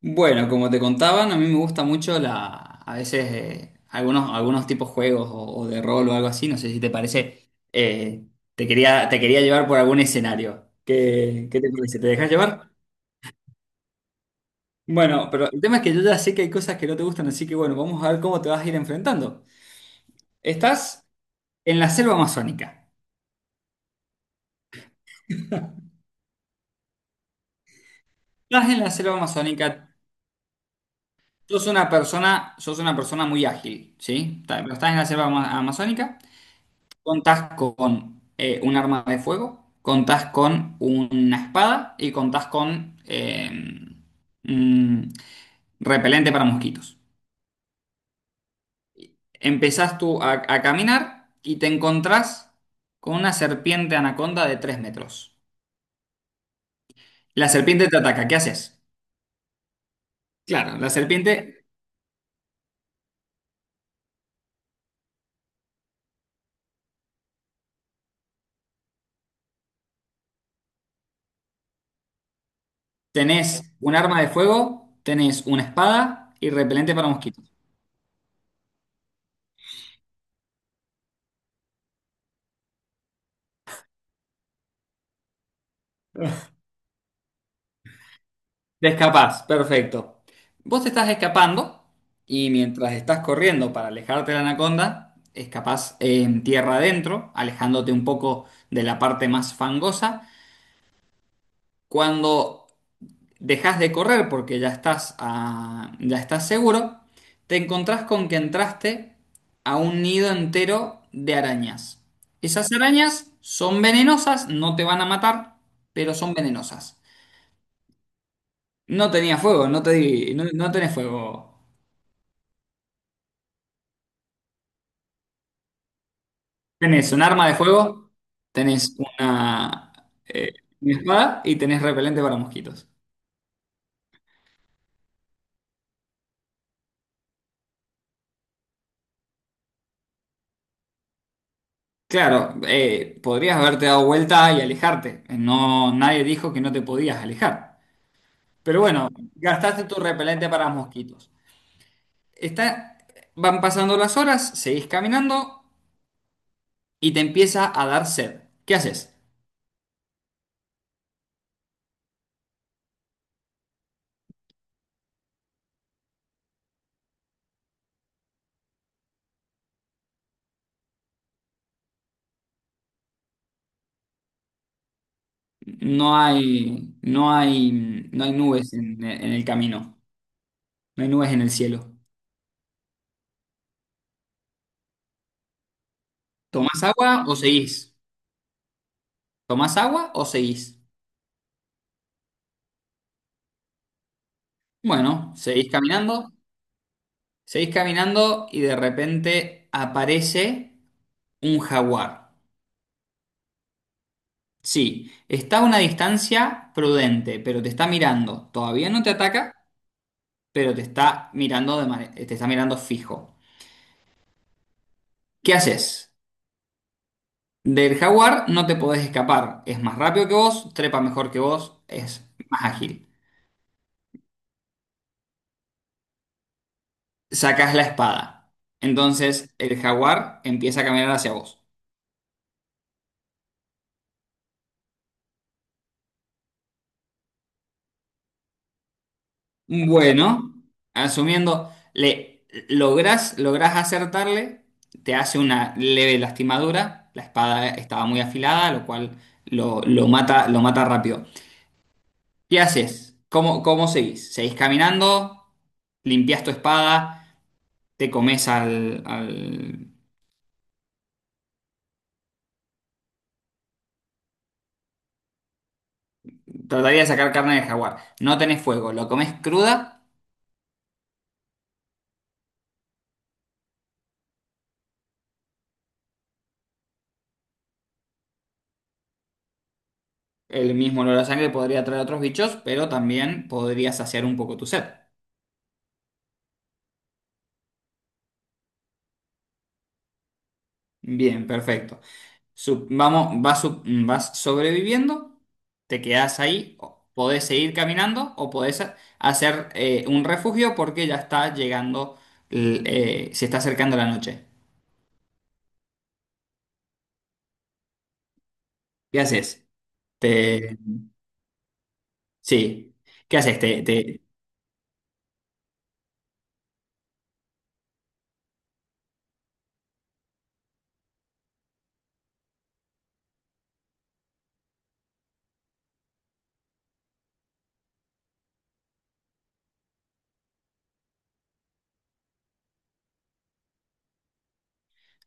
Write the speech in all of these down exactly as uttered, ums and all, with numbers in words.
Bueno, como te contaban, a mí me gusta mucho la, a veces eh, algunos, algunos tipos juegos o, o de rol o algo así, no sé si te parece. Eh, te quería, te quería llevar por algún escenario. ¿Qué, qué te parece? ¿Te dejas llevar? Bueno, pero el tema es que yo ya sé que hay cosas que no te gustan, así que bueno, vamos a ver cómo te vas a ir enfrentando. Estás en la selva amazónica. Estás en la selva amazónica. Sos una persona, sos una persona muy ágil, ¿sí? Ta- Pero estás en la selva ama- amazónica. Contás con eh, un arma de fuego, contás con una espada y contás con eh, mm, repelente para mosquitos. Empezás tú a, a caminar y te encontrás con una serpiente anaconda de tres metros. La serpiente te ataca, ¿qué haces? Claro, la serpiente, tenés un arma de fuego, tenés una espada y repelente para mosquitos. Te escapás, perfecto. Vos te estás escapando y mientras estás corriendo para alejarte de la anaconda, escapás en tierra adentro, alejándote un poco de la parte más fangosa. Cuando dejas de correr porque ya estás, ah, ya estás seguro, te encontrás con que entraste a un nido entero de arañas. Esas arañas son venenosas, no te van a matar, pero son venenosas. No tenía fuego, no te di- no, no tenés fuego. Tenés un arma de fuego, tenés una, eh, una espada y tenés repelente para mosquitos. Claro, eh, podrías haberte dado vuelta y alejarte. No, nadie dijo que no te podías alejar. Pero bueno, gastaste tu repelente para mosquitos. Está, van pasando las horas, seguís caminando y te empieza a dar sed. ¿Qué haces? No hay, no hay, no hay nubes en en el camino. No hay nubes en el cielo. ¿Tomás agua o seguís? ¿Tomás agua o seguís? Bueno, seguís caminando, seguís caminando y de repente aparece un jaguar. Sí, está a una distancia prudente, pero te está mirando. Todavía no te ataca, pero te está mirando de mane- te está mirando fijo. ¿Qué haces? Del jaguar no te podés escapar. Es más rápido que vos, trepa mejor que vos, es más ágil. Sacás la espada. Entonces el jaguar empieza a caminar hacia vos. Bueno, asumiendo, le lográs, lográs acertarle, te hace una leve lastimadura, la espada estaba muy afilada, lo cual lo, lo mata, lo mata rápido. ¿Qué haces? ¿Cómo, cómo seguís? ¿Seguís caminando? ¿Limpias tu espada? ¿Te comes al, al- Trataría de sacar carne de jaguar. No tenés fuego, lo comes cruda, el mismo olor a sangre podría traer otros bichos, pero también podría saciar un poco tu sed. Bien, perfecto. Sub- vamos, vas, sub- vas sobreviviendo, te quedas ahí, o- podés seguir caminando o podés ha- hacer eh, un refugio porque ya está llegando, l- eh, se está acercando la noche. ¿Qué haces? Te, sí, ¿qué haces? Te, te-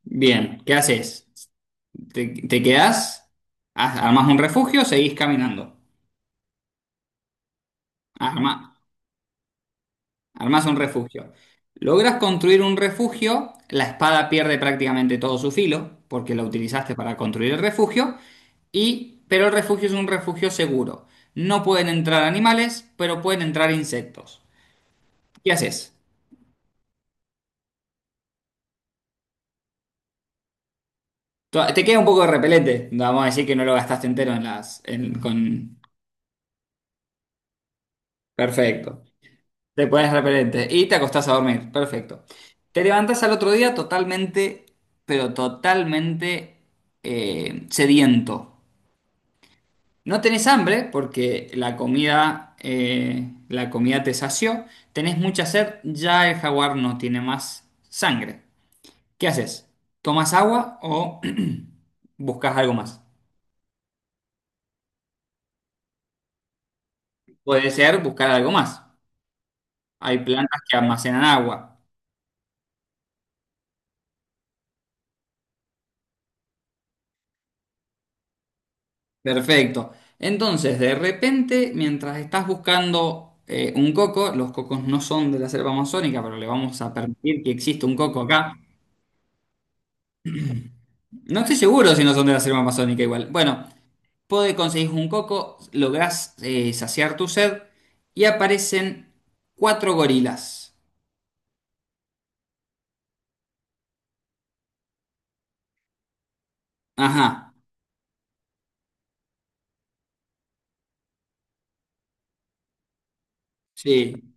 bien, ¿qué haces? ¿Te, te quedás? Haz- Armás un refugio, seguís caminando. Armas un refugio. Logras construir un refugio, la espada pierde prácticamente todo su filo, porque la utilizaste para construir el refugio, y, pero el refugio es un refugio seguro. No pueden entrar animales, pero pueden entrar insectos. ¿Qué haces? To- Te queda un poco de repelente. No, vamos a decir que no lo gastaste entero en las. en- con... Perfecto. Te pones repelente y te acostás a dormir. Perfecto. Te levantas al otro día totalmente, pero totalmente eh, sediento. No tenés hambre porque la comida, eh, la comida te sació. Tenés mucha sed, ya el jaguar no tiene más sangre. ¿Qué haces? ¿Tomas agua o buscas algo más? Puede ser buscar algo más. Hay plantas que almacenan agua. Perfecto. Entonces, de repente, mientras estás buscando eh, un coco, los cocos no son de la selva amazónica, pero le vamos a permitir que exista un coco acá. No estoy seguro si no son de la selva amazónica igual. Bueno. Puede conseguir un coco, lográs eh, saciar tu sed y aparecen cuatro gorilas. Ajá, sí,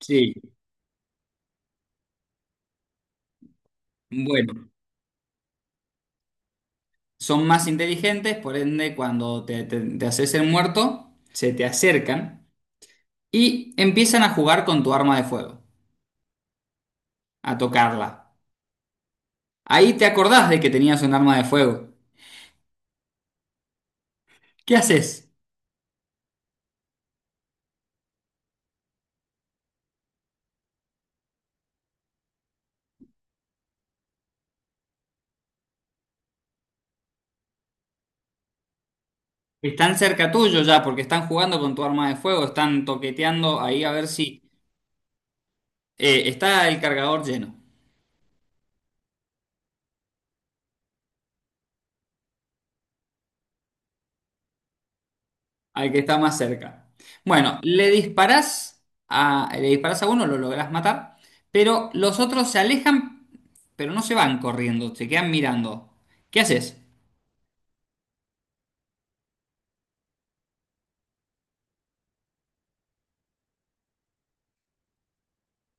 sí. Bueno, son más inteligentes, por ende, cuando te, te- te haces el muerto, se te acercan y empiezan a jugar con tu arma de fuego, a tocarla. Ahí te acordás de que tenías un arma de fuego. ¿Qué haces? Están cerca tuyo ya, porque están jugando con tu arma de fuego, están toqueteando ahí a ver si eh, está el cargador lleno. Al que está más cerca. Bueno, le disparás a, le disparás a uno, lo lográs matar, pero los otros se alejan, pero no se van corriendo, se quedan mirando. ¿Qué haces?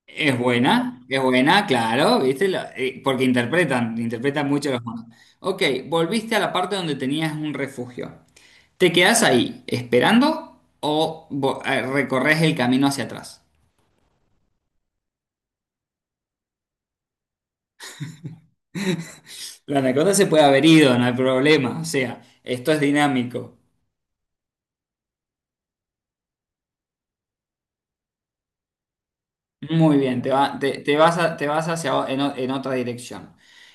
Es buena, es buena, claro, ¿viste? La- eh, porque interpretan, interpretan mucho los monos. Ok, volviste a la parte donde tenías un refugio. ¿Te quedás ahí esperando o vo- eh, recorres el camino hacia atrás? La anaconda se puede haber ido, no hay problema. O sea, esto es dinámico. Muy bien, te va- te, te vas a- te vas hacia o- en, o- en otra dirección.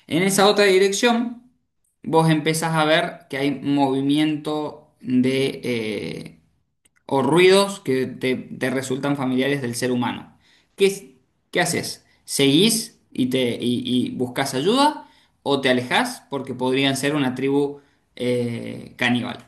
En esa otra dirección, vos empezás a ver que hay movimiento de eh, o ruidos que te, te resultan familiares del ser humano. ¿Qué, es- ¿qué haces? ¿Seguís y te y, y buscas ayuda o te alejás porque podrían ser una tribu eh, caníbal?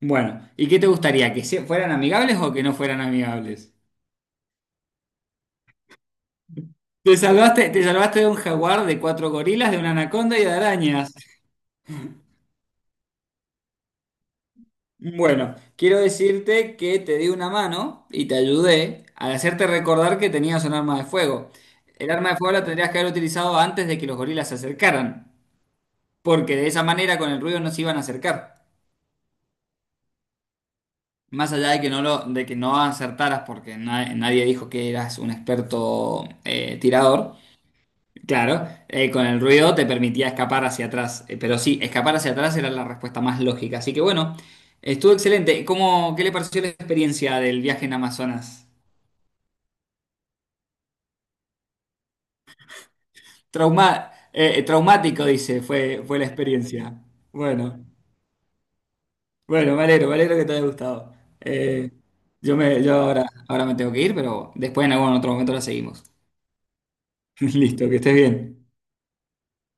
Bueno, ¿y qué te gustaría? ¿Que se- fueran amigables o que no fueran amigables? Te salvaste, te salvaste de un jaguar, de cuatro gorilas, de una anaconda y de arañas. Bueno, quiero decirte que te di una mano y te ayudé al hacerte recordar que tenías un arma de fuego. El arma de fuego la tendrías que haber utilizado antes de que los gorilas se acercaran, porque de esa manera con el ruido no se iban a acercar. Más allá de que no lo, de que no acertaras porque na- nadie dijo que eras un experto eh, tirador. Claro, eh, con el ruido te permitía escapar hacia atrás. Eh, pero sí, escapar hacia atrás era la respuesta más lógica. Así que bueno, estuvo excelente. ¿Cómo, qué le pareció la experiencia del viaje en Amazonas? Trauma, eh, eh, traumático, dice, fue, fue la experiencia. Bueno, bueno, me alegro, me alegro que te haya gustado. Eh, yo me, yo ahora, ahora me tengo que ir, pero después en algún otro momento la seguimos. Listo, que estés bien.